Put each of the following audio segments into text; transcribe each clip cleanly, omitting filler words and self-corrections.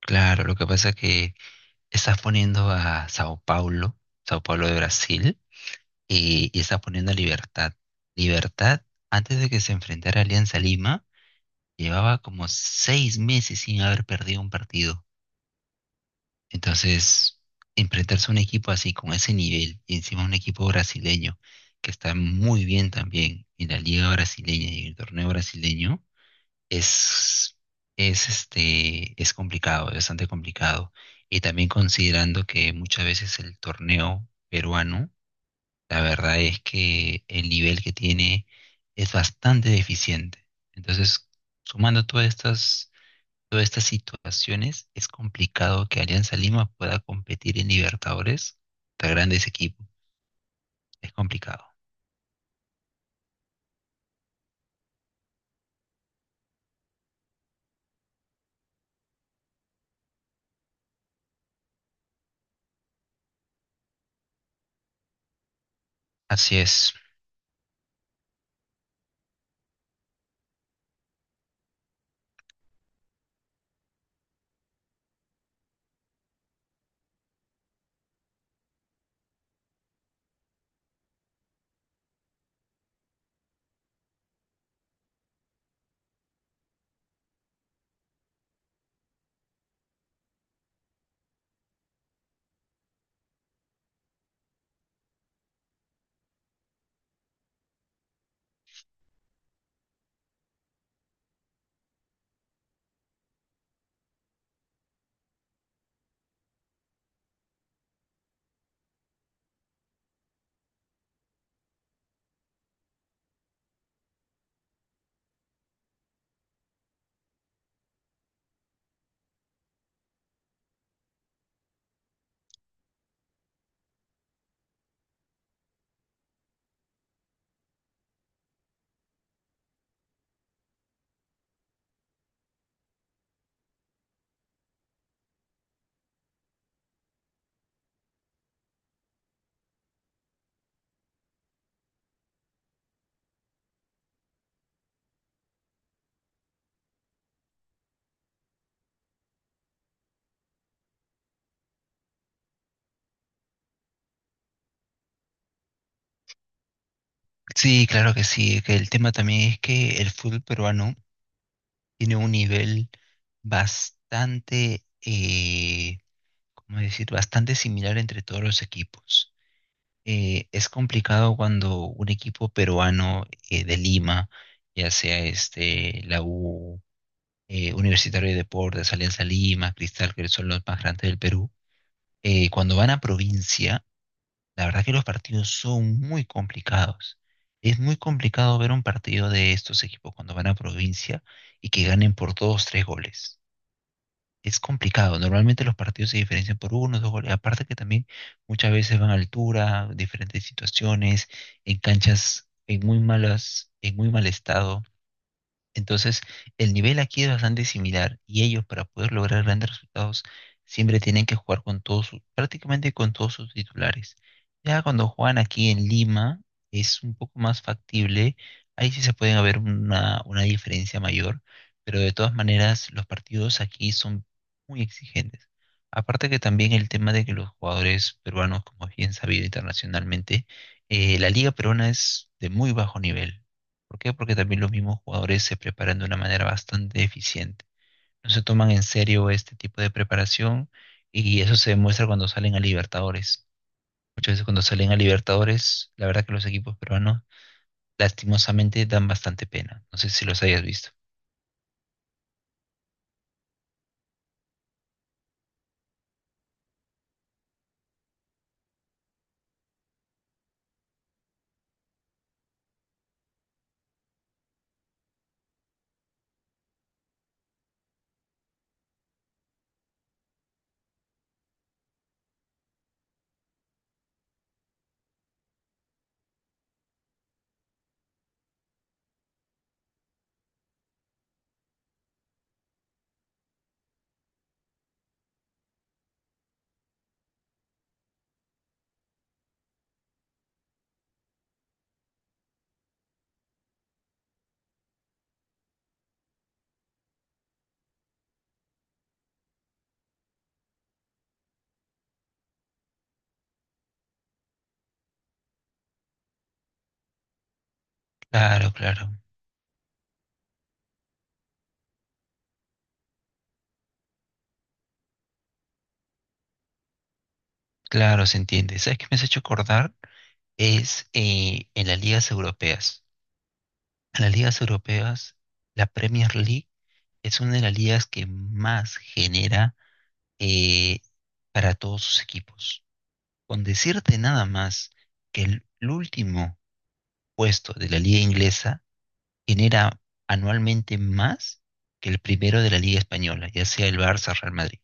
Claro, lo que pasa es que estás poniendo a Sao Paulo, Sao Paulo de Brasil, y estás poniendo a Libertad. Libertad, antes de que se enfrentara a Alianza Lima, llevaba como 6 meses sin haber perdido un partido. Entonces, enfrentarse a un equipo así, con ese nivel, y encima un equipo brasileño, que está muy bien también en la liga brasileña y en el torneo brasileño, es, es complicado, es bastante complicado. Y también considerando que muchas veces el torneo peruano, la verdad es que el nivel que tiene es bastante deficiente. Entonces, sumando todas estas situaciones, es complicado que Alianza Lima pueda competir en Libertadores contra grandes equipos. Es complicado. Así es. Sí, claro que sí. Que el tema también es que el fútbol peruano tiene un nivel bastante, ¿cómo decir? Bastante similar entre todos los equipos. Es complicado cuando un equipo peruano de Lima, ya sea este, la U, Universitario de Deportes, Alianza Lima, Cristal, que son los más grandes del Perú, cuando van a provincia, la verdad que los partidos son muy complicados. Es muy complicado ver un partido de estos equipos cuando van a provincia y que ganen por dos, tres goles. Es complicado. Normalmente los partidos se diferencian por uno, dos goles. Aparte que también muchas veces van a altura, diferentes situaciones, en canchas en muy malas, en muy mal estado. Entonces, el nivel aquí es bastante similar y ellos para poder lograr grandes resultados siempre tienen que jugar con todos, prácticamente con todos sus titulares. Ya cuando juegan aquí en Lima es un poco más factible, ahí sí se pueden haber una diferencia mayor, pero de todas maneras los partidos aquí son muy exigentes. Aparte que también el tema de que los jugadores peruanos, como es bien sabido internacionalmente, la liga peruana es de muy bajo nivel. ¿Por qué? Porque también los mismos jugadores se preparan de una manera bastante eficiente. No se toman en serio este tipo de preparación y eso se demuestra cuando salen a Libertadores. Muchas veces cuando salen a Libertadores, la verdad que los equipos peruanos lastimosamente dan bastante pena. No sé si los hayas visto. Claro, claro, claro, se entiende. ¿Sabes qué me has hecho acordar? Es en las ligas europeas. En las ligas europeas, la Premier League es una de las ligas que más genera eh, para todos sus equipos. Con decirte nada más que el último puesto de la liga inglesa genera anualmente más que el primero de la liga española, ya sea el Barça o Real Madrid.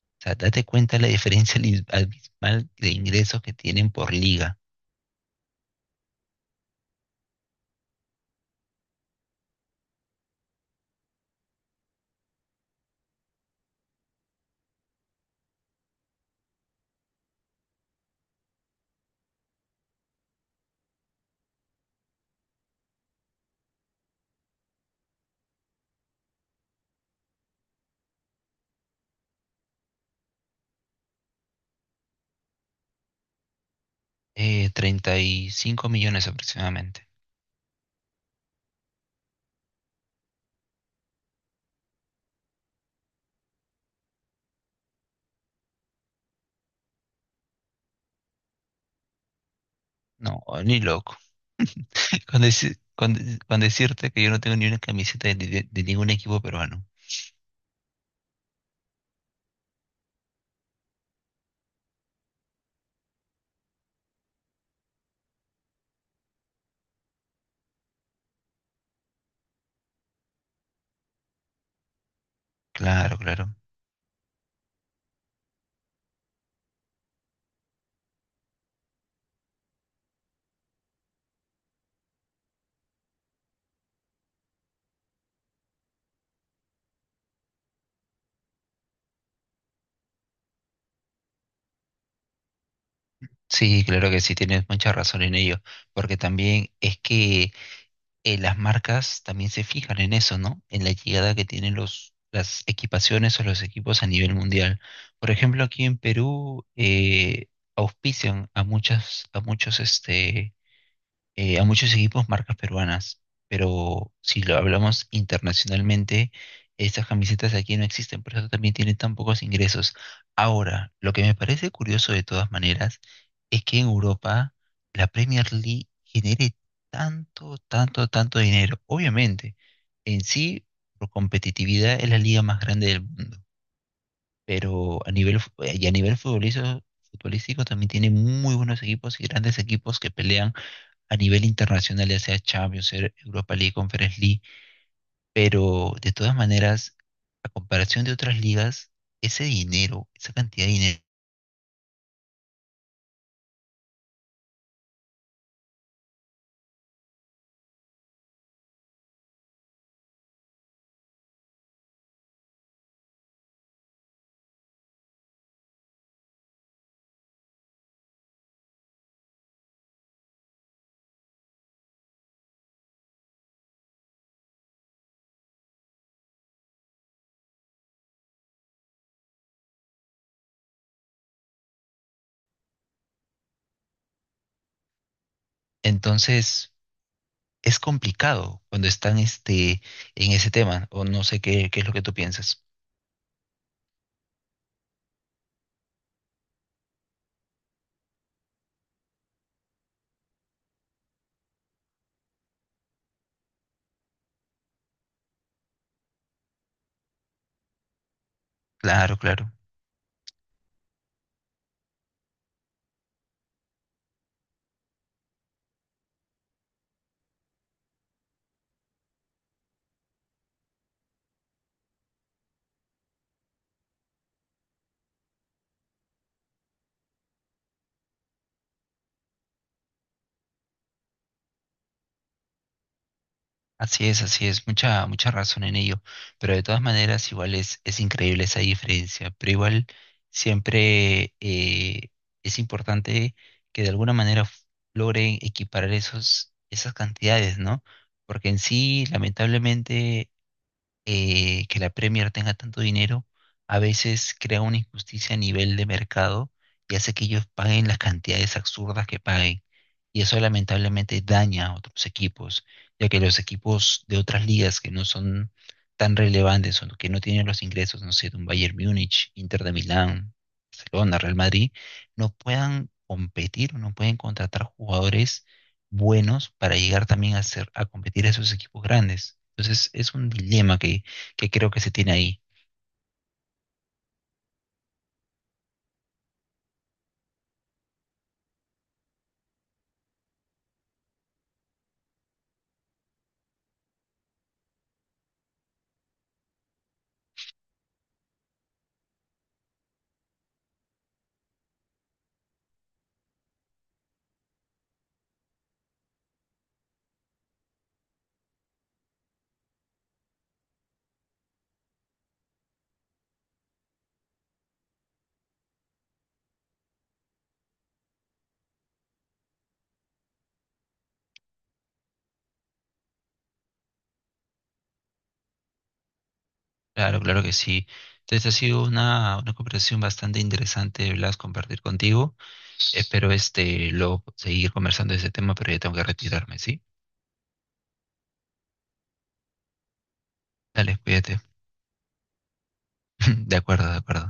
O sea, date cuenta la diferencia abismal de ingresos que tienen por liga. 35 millones aproximadamente. No, ni loco. Con decirte que yo no tengo ni una camiseta de ningún equipo peruano. Claro, claro. Sí, claro que sí, tienes mucha razón en ello, porque también es que las marcas también se fijan en eso, ¿no? En la llegada que tienen los, las equipaciones o los equipos a nivel mundial. Por ejemplo, aquí en Perú auspician a muchas, a muchos este, a muchos equipos marcas peruanas, pero si lo hablamos internacionalmente, estas camisetas aquí no existen, por eso también tienen tan pocos ingresos. Ahora, lo que me parece curioso de todas maneras es que en Europa la Premier League genere tanto, tanto, tanto dinero. Obviamente, en sí, por competitividad es la liga más grande del mundo, pero a nivel, fu- y a nivel futbolístico, futbolístico también tiene muy buenos equipos y grandes equipos que pelean a nivel internacional, ya sea Champions, Europa League, Conference League, pero de todas maneras, a comparación de otras ligas, ese dinero, esa cantidad de dinero, entonces es complicado cuando están este, en ese tema, o no sé qué es lo que tú piensas. Claro, claro. Así es, mucha, mucha razón en ello, pero de todas maneras igual es increíble esa diferencia, pero igual siempre es importante que de alguna manera logren equiparar esos, esas cantidades, ¿no? Porque en sí, lamentablemente, que la Premier tenga tanto dinero a veces crea una injusticia a nivel de mercado y hace que ellos paguen las cantidades absurdas que paguen. Y eso lamentablemente daña a otros equipos, ya que los equipos de otras ligas que no son tan relevantes o que no tienen los ingresos, no sé, de un Bayern Múnich, Inter de Milán, Barcelona, Real Madrid, no puedan competir o no pueden contratar jugadores buenos para llegar también a ser, a competir a esos equipos grandes. Entonces es un dilema que creo que se tiene ahí. Claro, claro que sí. Entonces ha sido una conversación bastante interesante, Blas, compartir contigo. Espero este luego seguir conversando de ese tema, pero ya tengo que retirarme, ¿sí? Dale, cuídate. De acuerdo, de acuerdo.